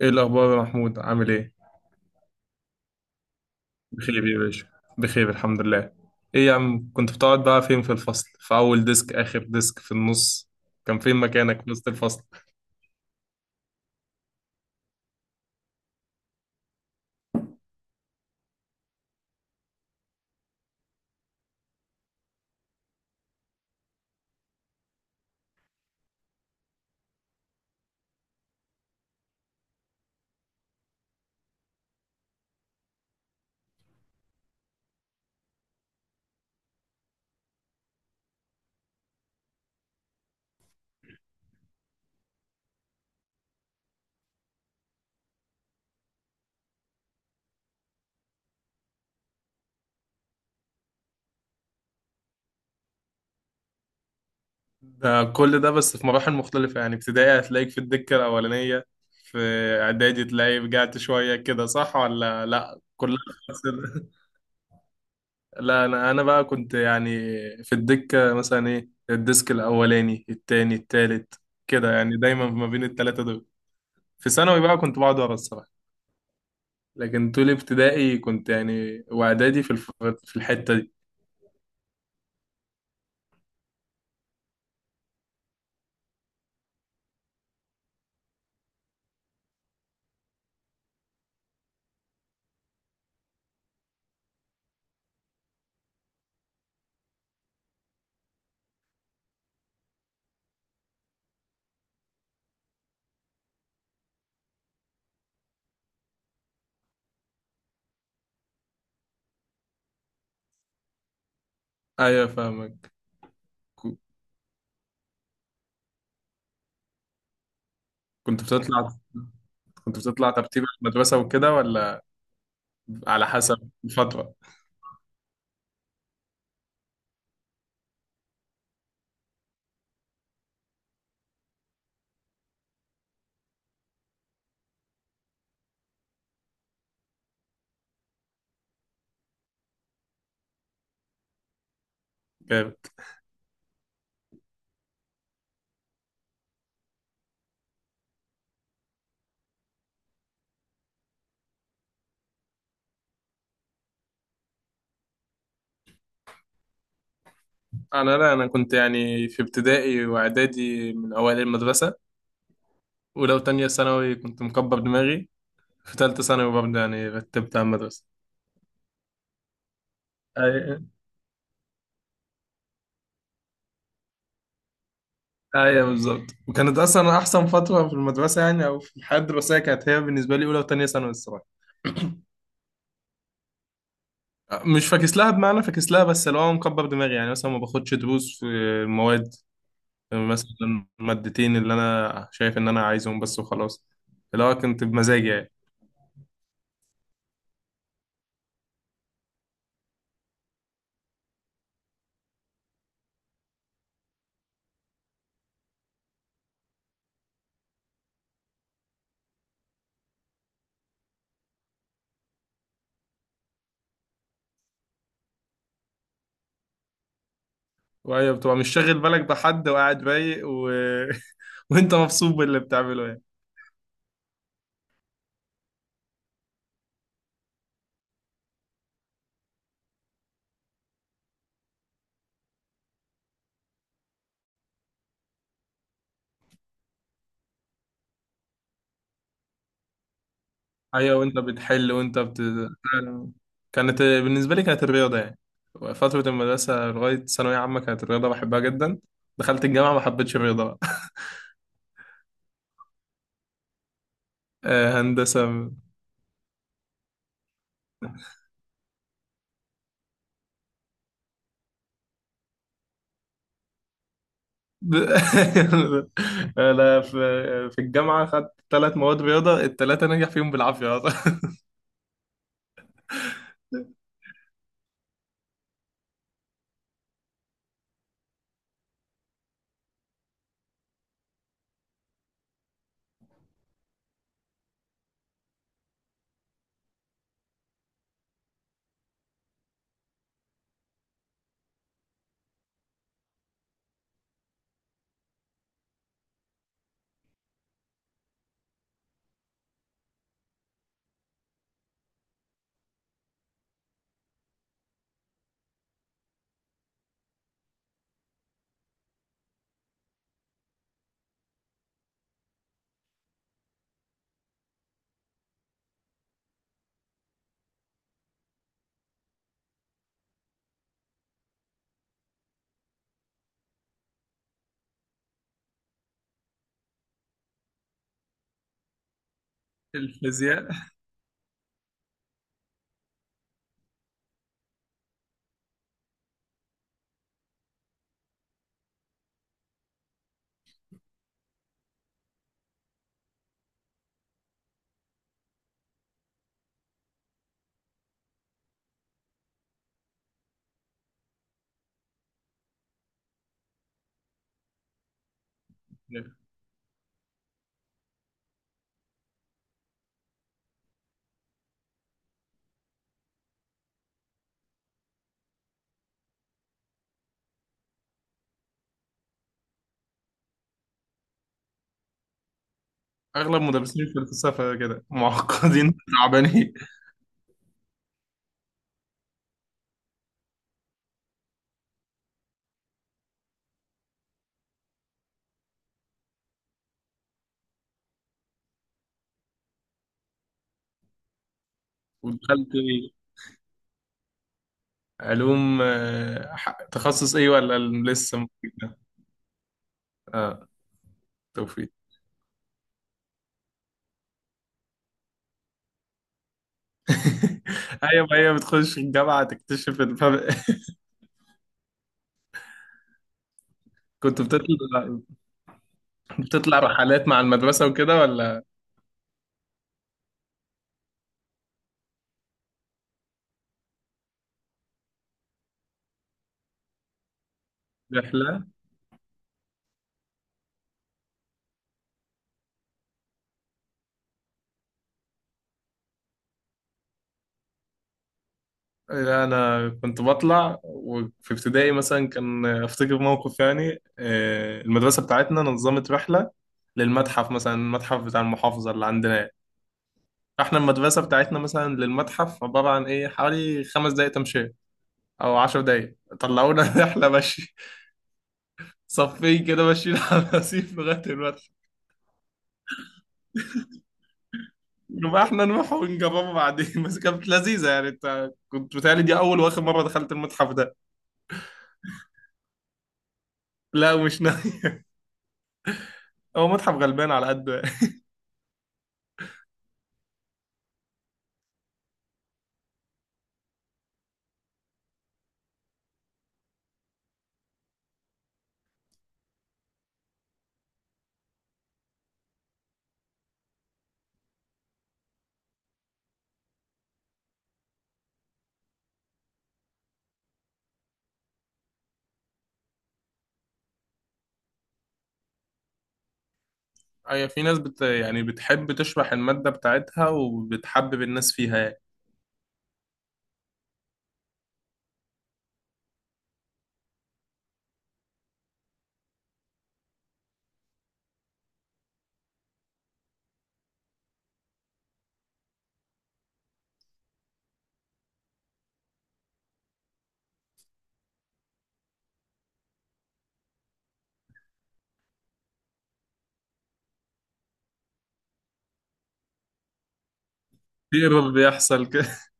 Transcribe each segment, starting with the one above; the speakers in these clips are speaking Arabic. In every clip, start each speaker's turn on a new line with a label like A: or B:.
A: ايه الاخبار يا محمود عامل ايه؟ بخير يا باشا. بخير، الحمد لله. ايه يا عم، كنت بتقعد بقى فين في الفصل؟ في اول ديسك، اخر ديسك، في النص؟ كان فين مكانك في وسط الفصل؟ ده كل ده بس في مراحل مختلفة، يعني ابتدائي هتلاقيك في الدكة الأولانية. في إعدادي تلاقي رجعت شوية كده، صح ولا لأ؟ كلها. لا، أنا بقى كنت يعني في الدكة مثلا إيه، الديسك الأولاني التاني التالت كده، يعني دايما ما بين التلاتة دول. في ثانوي بقى كنت بقعد ورا الصراحة. لكن طول ابتدائي كنت يعني واعدادي في الحتة دي. ايوه، فاهمك. ك- كنت بتطلع كنت بتطلع ترتيب المدرسة وكده ولا على حسب الفترة؟ جامد. لا، انا كنت يعني في ابتدائي واعدادي من اوائل المدرسة. ولو تانية ثانوي كنت مكبر دماغي. في تالتة ثانوي برضه يعني رتبت على المدرسة. ايوه، ايوه، بالظبط، وكانت اصلا احسن فترة في المدرسة، يعني او في الحياة الدراسية، كانت هي بالنسبة لي اولى وتانية ثانوي الصراحة. مش فاكس لها، بمعنى فاكس لها بس اللي هو مكبر دماغي، يعني مثلا ما باخدش دروس في المواد، مثلا المادتين اللي انا شايف ان انا عايزهم بس وخلاص. اللي هو كنت بمزاجي يعني. وهي بتبقى مش شاغل بالك بحد، وقاعد رايق. وانت مبسوط باللي بتعمله يعني. ايوه، وانت بتحل. كانت بالنسبه لي كانت الرياضه يعني، فتره المدرسه لغايه ثانويه عامه كانت الرياضه بحبها جدا. دخلت الجامعه ما حبيتش الرياضه بقى. آه، هندسه. ب- انا في الجامعه خدت ثلاث مواد رياضه، الثلاثه نجح فيهم بالعافيه أصلاً. الفيزياء. اغلب مدرسين الفلسفه كده معقدين تعبانين. ودخلت إيه؟ علوم آه، تخصص ايه ولا؟ لسه ممكن ده؟ اه. توفيق. ايوه، هي بتخش الجامعه تكتشف الفرق. كنت بتطلع رحلات مع المدرسه وكده ولا؟ رحله. لا، انا كنت بطلع، وفي ابتدائي مثلا كان افتكر موقف يعني آه، المدرسه بتاعتنا نظمت رحله للمتحف، مثلا المتحف بتاع المحافظه اللي عندنا يعني. احنا المدرسه بتاعتنا مثلا للمتحف عباره عن ايه، حوالي 5 دقائق تمشي او 10 دقائق، طلعونا رحله مشي، صفين كده ماشيين على الرصيف لغايه المتحف. نبقى احنا نروح ونجربه بعدين، بس كانت لذيذه يعني، انت كنت بتهيألي دي اول واخر مره دخلت المتحف ده. لا، مش ناوي. هو متحف غلبان على قد. أي، في ناس بت يعني بتحب تشرح المادة بتاعتها وبتحبب الناس فيها يعني. في ايرور بيحصل كده.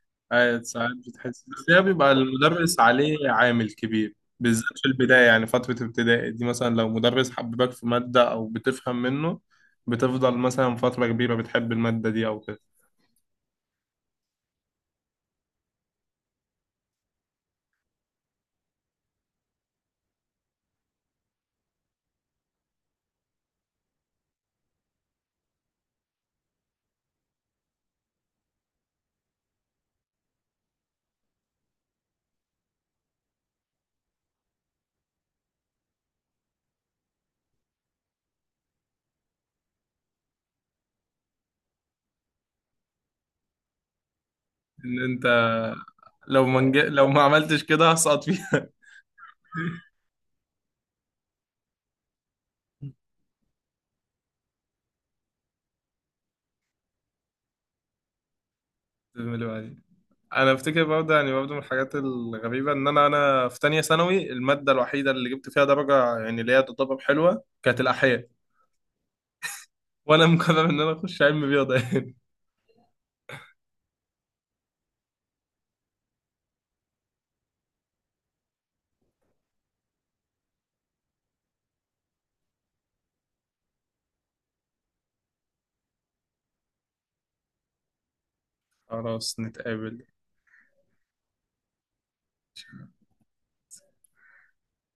A: أي، ساعات بتحس، بس هي بيبقى المدرس عليه عامل كبير بالذات في البداية، يعني فترة ابتدائي دي مثلا لو مدرس حببك في مادة أو بتفهم منه بتفضل مثلا فترة كبيرة بتحب المادة دي أو كده. إن أنت لو ما عملتش كده هسقط فيها. انا افتكر برضه، يعني برضه من الحاجات الغريبه ان انا في تانية ثانوي الماده الوحيده اللي جبت فيها درجه يعني اللي هي تعتبر حلوه كانت الاحياء، وانا مقرر ان انا اخش علم رياضه يعني. خلاص نتقابل.